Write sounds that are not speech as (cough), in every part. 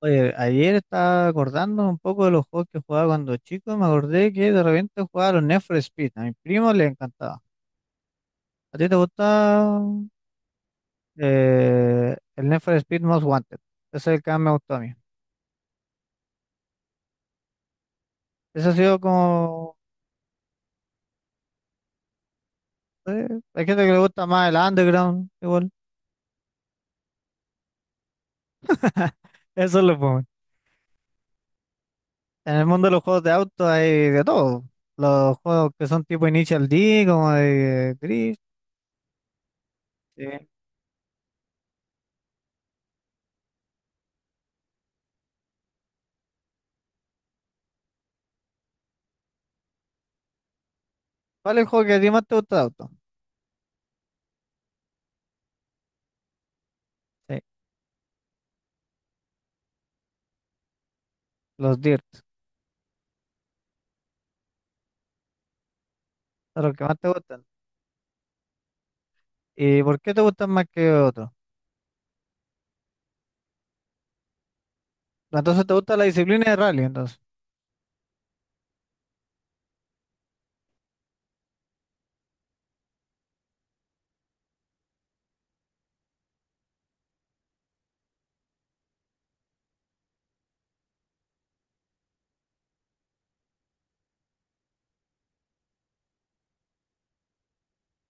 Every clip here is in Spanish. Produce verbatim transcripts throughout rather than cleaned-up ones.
Oye, ayer estaba acordando un poco de los juegos que jugaba cuando chico y me acordé que de repente jugaba a los Need for Speed. A mi primo le encantaba. ¿A ti te gusta eh, el Need for Speed Most Wanted? Ese es el que más me gustó a mí. Ese ha sido como. Eh, hay gente que le gusta más el Underground, igual. Eso es lo bueno. En el mundo de los juegos de auto hay de todo. Los juegos que son tipo Initial D, como de eh, Drift. Sí. ¿Cuál es el juego que a ti más te gusta de auto? Sí, los Dirt. Son los que más te gustan. ¿Y por qué te gustan más que otros? Entonces te gusta la disciplina de rally, entonces.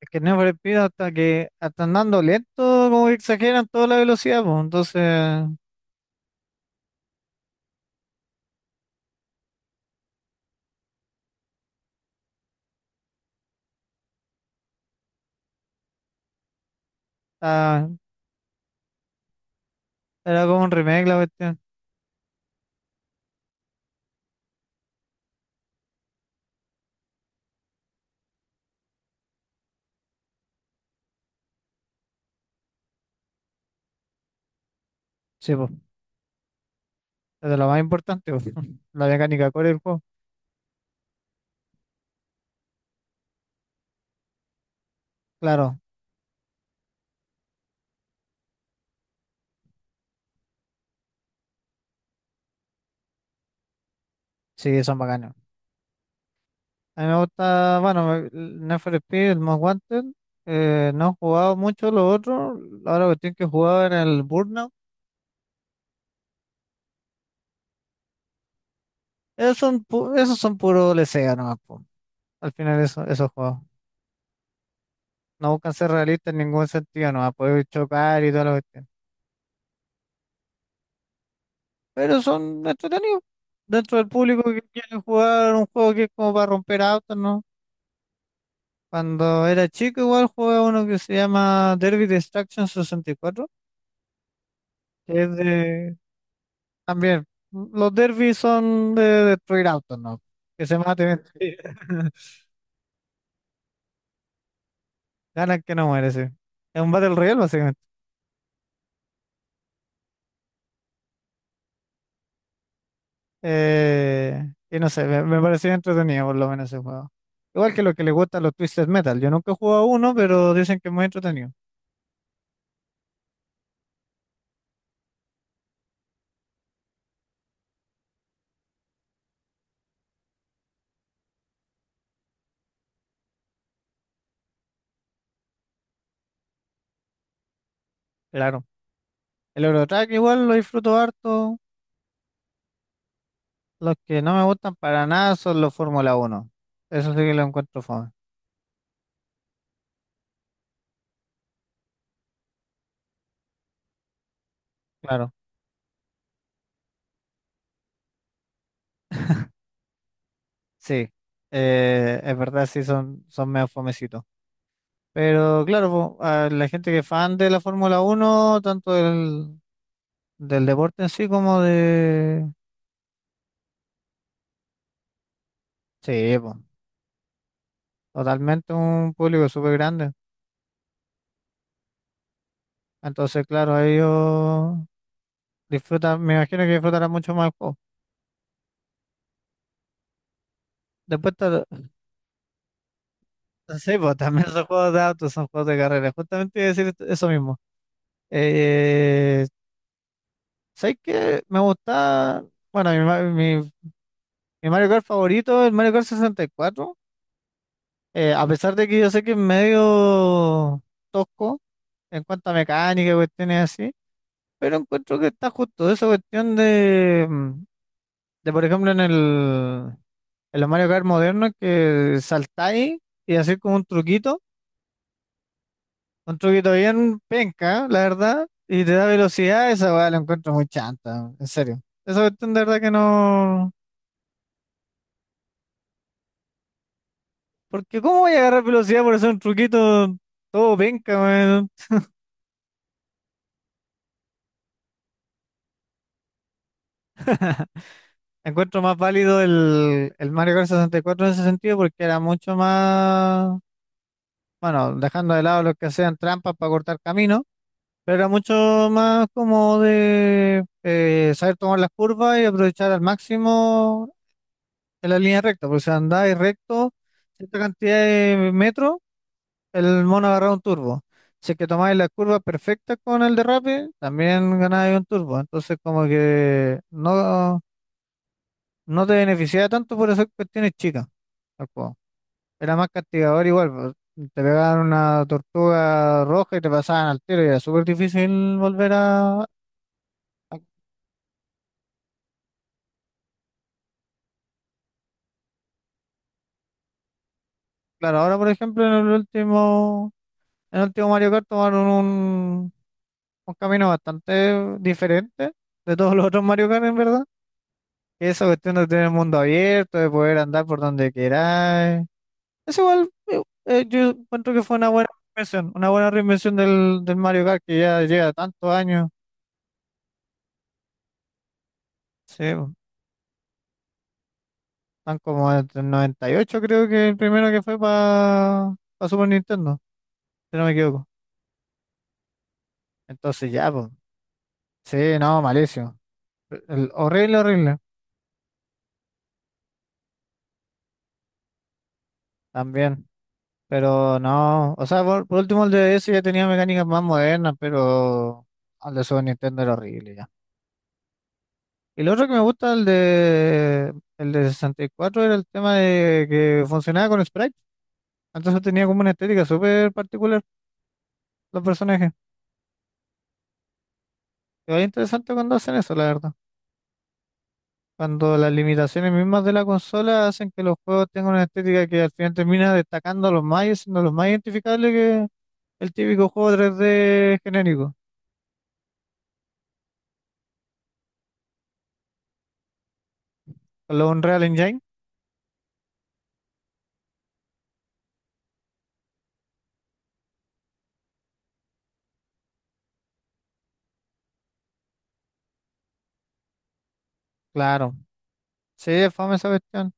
Es que Need for Speed hasta que hasta andando lento, como que exageran toda la velocidad, pues. Entonces, ah, era como un remake la cuestión. Sí, pues, es de lo más importante, pues. (laughs) La mecánica core del juego. Claro, sí, son bacanas. A mí me gusta, bueno, me- el Need for Speed, el Most Wanted. eh, no he jugado mucho los otros. Ahora la cuestión que he jugado era el Burnout. Esos son, pu- esos son puro lesea nomás, pues. Al final eso, esos juegos. No buscan ser realistas en ningún sentido, no va a poder chocar y toda la cuestión. Pero son entretenidos. Dentro del público que quiere jugar un juego que es como para romper autos, ¿no? Cuando era chico igual jugué uno que se llama Derby Destruction sesenta y cuatro, que es de. También, los derbis son de destruir autos, ¿no? Que se maten entre ellos. (laughs) Ganan que no muere, sí. Es un Battle Royale, básicamente. Eh, y no sé, me, me parecía entretenido por lo menos ese juego. Igual que lo que le gusta a los Twisted Metal. Yo nunca he jugado uno, pero dicen que es muy entretenido. Claro. El Eurotrack igual lo disfruto harto. Los que no me gustan para nada son los Fórmula Uno. Eso sí que lo encuentro fome. Claro, sí. Eh, es verdad, sí, son, son medio fomecitos. Pero claro, po, a la gente que es fan de la Fórmula Uno tanto del, del deporte en sí como de. Sí, po, totalmente un público súper grande. Entonces, claro, ellos disfrutan, me imagino que disfrutarán mucho más el juego. Después, está- sí, pues, también son juegos de autos, son juegos de carrera. Justamente iba a decir eso mismo. Eh, ¿sabes qué? Me gusta, bueno, mi, ma- mi- mi Mario Kart favorito es el Mario Kart sesenta y cuatro. Eh, a pesar de que yo sé que es medio tosco en cuanto a mecánica y cuestiones así, pero encuentro que está justo esa cuestión de, mm, de por ejemplo, en el, en los Mario Kart modernos que saltáis y hacéis como un truquito, un truquito bien penca, la verdad, y te da velocidad, esa weá la encuentro muy chanta, en serio. Esa cuestión de verdad que no. Porque ¿cómo voy a agarrar velocidad por hacer un truquito todo penca, weón? Encuentro más válido el, el Mario Kart sesenta y cuatro en ese sentido porque era mucho más, bueno, dejando de lado los que hacían trampas para cortar camino. Pero era mucho más como de eh, saber tomar las curvas y aprovechar al máximo en la línea recta, porque si andáis recto cierta cantidad de metros, el mono agarraba un turbo. Si es que tomáis las curvas perfectas con el derrape, también ganáis un turbo. Entonces como que no, no te beneficiaba tanto por esas cuestiones chicas al juego. Era más castigador igual, pues, te pegaban una tortuga roja y te pasaban al tiro y era súper difícil volver a. Claro, ahora por ejemplo en el último, en el último Mario Kart tomaron un, un camino bastante diferente de todos los otros Mario Kart en verdad. Que esa cuestión de tener el mundo abierto, de poder andar por donde queráis. Es igual, eh, eh, yo encuentro que fue una buena reinvención, una buena reinvención del, del Mario Kart que ya lleva tantos años. Sí, bo, tan como desde el noventa y ocho creo que el primero que fue para Super Nintendo, si no me equivoco. Entonces ya, pues, sí, no, malísimo. El- horrible, horrible. También, pero no, o sea, por, por último el de D S ya tenía mecánicas más modernas, pero el de Super Nintendo era horrible ya. Y lo otro que me gusta el de el de sesenta y cuatro era el tema de que funcionaba con sprite, entonces tenía como una estética súper particular los personajes. Y es interesante cuando hacen eso, la verdad. Cuando las limitaciones mismas de la consola hacen que los juegos tengan una estética que al final termina destacando a los más y siendo los más identificables que el típico juego tres D genérico, con los Unreal Engine. Claro, sí, es fome esa cuestión.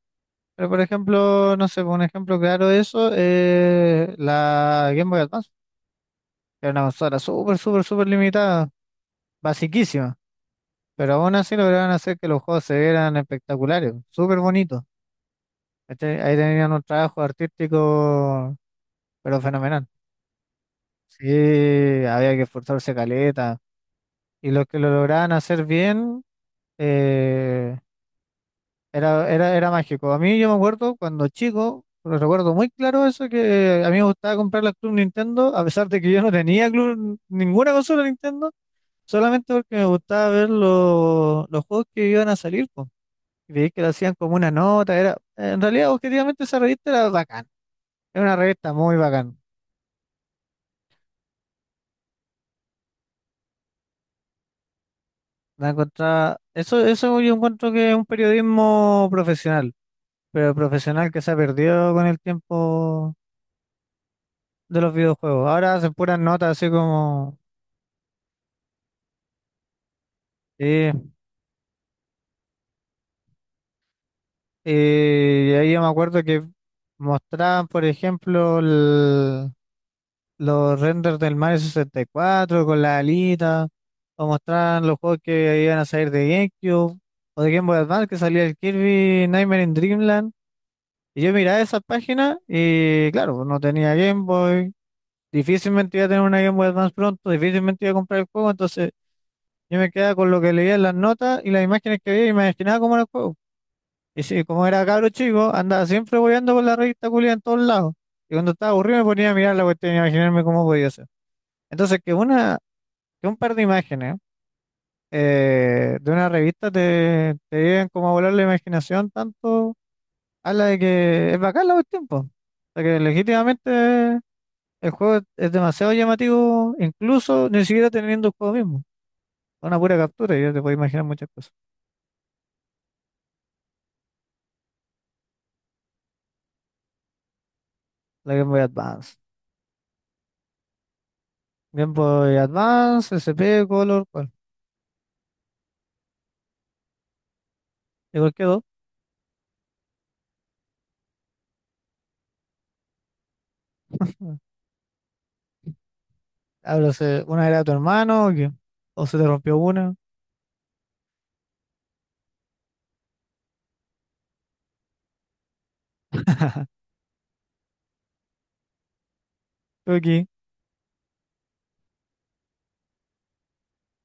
Pero por ejemplo, no sé, un ejemplo claro de eso es la Game Boy Advance, que era una consola súper, súper, súper limitada, basiquísima. Pero aún así lograron hacer que los juegos se vieran espectaculares, súper bonitos. ¿Cachai? Ahí tenían un trabajo artístico, pero fenomenal. Sí, había que esforzarse caleta. Y los que lo lograban hacer bien, eh, Era, era, era mágico. A mí yo me acuerdo cuando chico, lo recuerdo muy claro eso, que a mí me gustaba comprar la Club Nintendo, a pesar de que yo no tenía Club, ninguna consola Nintendo, solamente porque me gustaba ver los los juegos que iban a salir, po. Y veía que lo hacían como una nota. Era, en realidad, objetivamente, esa revista era bacán. Era una revista muy bacán. La encontraba, eso, eso yo encuentro que es un periodismo profesional, pero profesional que se ha perdido con el tiempo de los videojuegos. Ahora hacen puras notas así como. Sí, y ahí yo me acuerdo que mostraban, por ejemplo, el- los renders del Mario sesenta y cuatro con la alita, o mostraban los juegos que iban a salir de GameCube, o de Game Boy Advance, que salía el Kirby Nightmare in Dreamland. Y yo miraba esa página y, claro, no tenía Game Boy, difícilmente iba a tener una Game Boy Advance pronto, difícilmente iba a comprar el juego, entonces yo me quedaba con lo que leía en las notas y las imágenes que veía y me imaginaba cómo era el juego. Y sí, como era cabro chico, andaba siempre bobeando con la revista culia en todos lados. Y cuando estaba aburrido me ponía a mirar la cuestión y a imaginarme cómo podía ser. Entonces, que una, que un par de imágenes eh, de una revista te, te lleven como a volar la imaginación tanto, a la de que es bacán la cuestión, po. O sea, que legítimamente el juego es, es demasiado llamativo, incluso ni siquiera teniendo el juego mismo. Es una pura captura, y ya te puedes imaginar muchas cosas. La Game Boy Advance. Game Boy Advance, S P, Color, ¿cuál? ¿De qué dos? Hablo, se- ¿una era tu hermano o qué? ¿O se te rompió una? ¿O qué?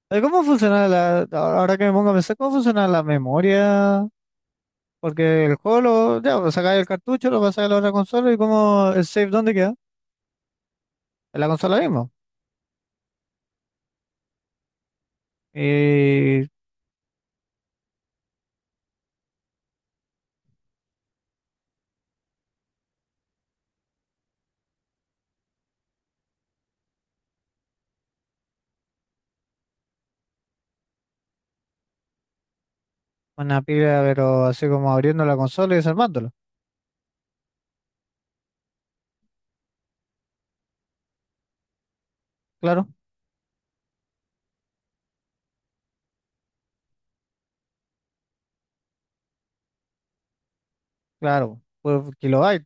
Eh, ¿Cómo funciona la, ahora ahora que me pongo a pensar, cómo funciona la memoria? Porque el juego, lo, ya, pues sacáis el cartucho, lo pasáis a la otra consola y cómo el save, ¿dónde queda? En la consola mismo. Y una pila, pero así como abriendo la consola y desarmándola. Claro, claro, pues kilobyte,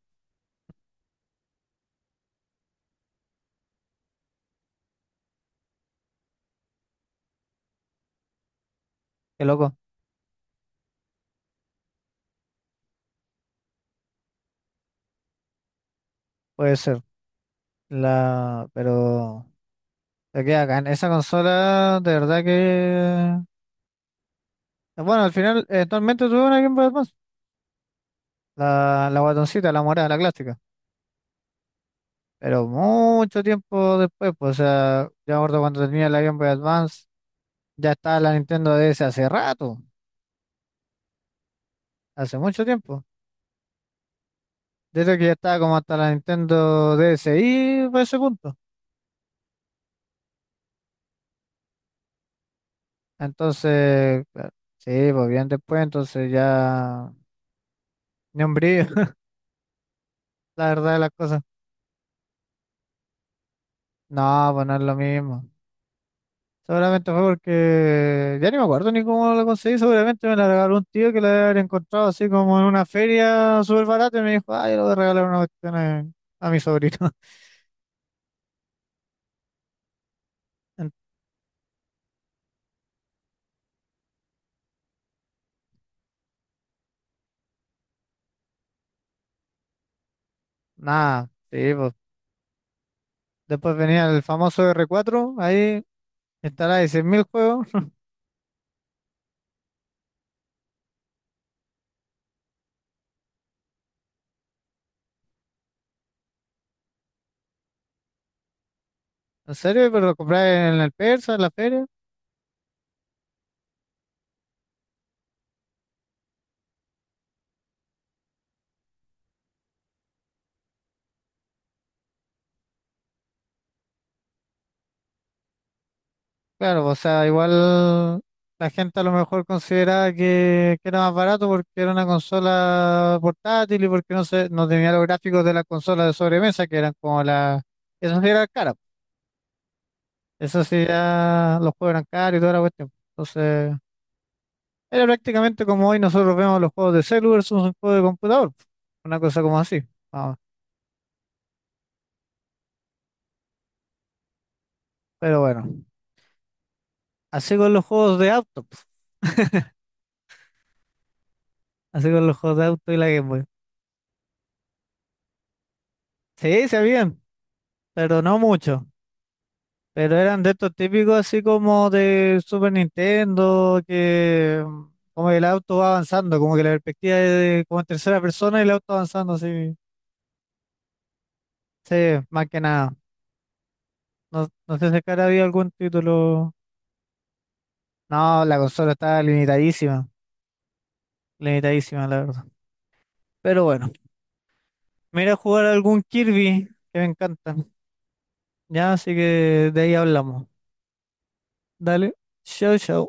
qué loco, puede ser. La, pero, se queda acá en esa consola, de verdad que. Bueno, al final, eventualmente tuve una Game Boy Advance. La, la guatoncita, la morada, la clásica. Pero mucho tiempo después, pues, o sea, yo me acuerdo cuando tenía la Game Boy Advance, ya estaba la Nintendo D S hace rato, hace mucho tiempo. Desde que ya estaba como hasta la Nintendo D S y por ese punto. Entonces, claro, sí, pues bien después, entonces ya ni un brillo, (laughs) la verdad de las cosas. No, pues no es lo mismo. Seguramente fue porque ya ni me acuerdo ni cómo lo conseguí. Seguramente me la regaló un tío que la había encontrado así como en una feria súper barata y me dijo, ah, yo le voy a regalar una cuestión a, a mi sobrino. (laughs) En- Nada, sí, pues. Después venía el famoso r cuatro ahí instalaba mil juegos. (laughs) ¿En serio? Pero lo compré en el Persa, en la feria. Claro, o sea, igual la gente a lo mejor consideraba que, que era más barato porque era una consola portátil y porque no se, no tenía los gráficos de las consolas de sobremesa, que eran como la. Eso sí era cara. Eso sí ya los juegos eran caros y toda la cuestión. Entonces, era prácticamente como hoy nosotros vemos los juegos de celu versus un juego de computador. Una cosa como así. Ah, pero bueno, así con los juegos de auto. Así con los juegos de auto y la Game Boy. Sí, se habían, pero no mucho. Pero eran de estos típicos así como de Super Nintendo, que mm, como que el auto va avanzando, como que la perspectiva es de- como en tercera persona y el auto avanzando así. Sí, más que nada. No, no sé si acá había algún título. No, la consola estaba limitadísima, limitadísima la verdad. Pero bueno, me iré a jugar algún Kirby, que me encanta. Ya, así que de ahí hablamos. Dale, chau, chau.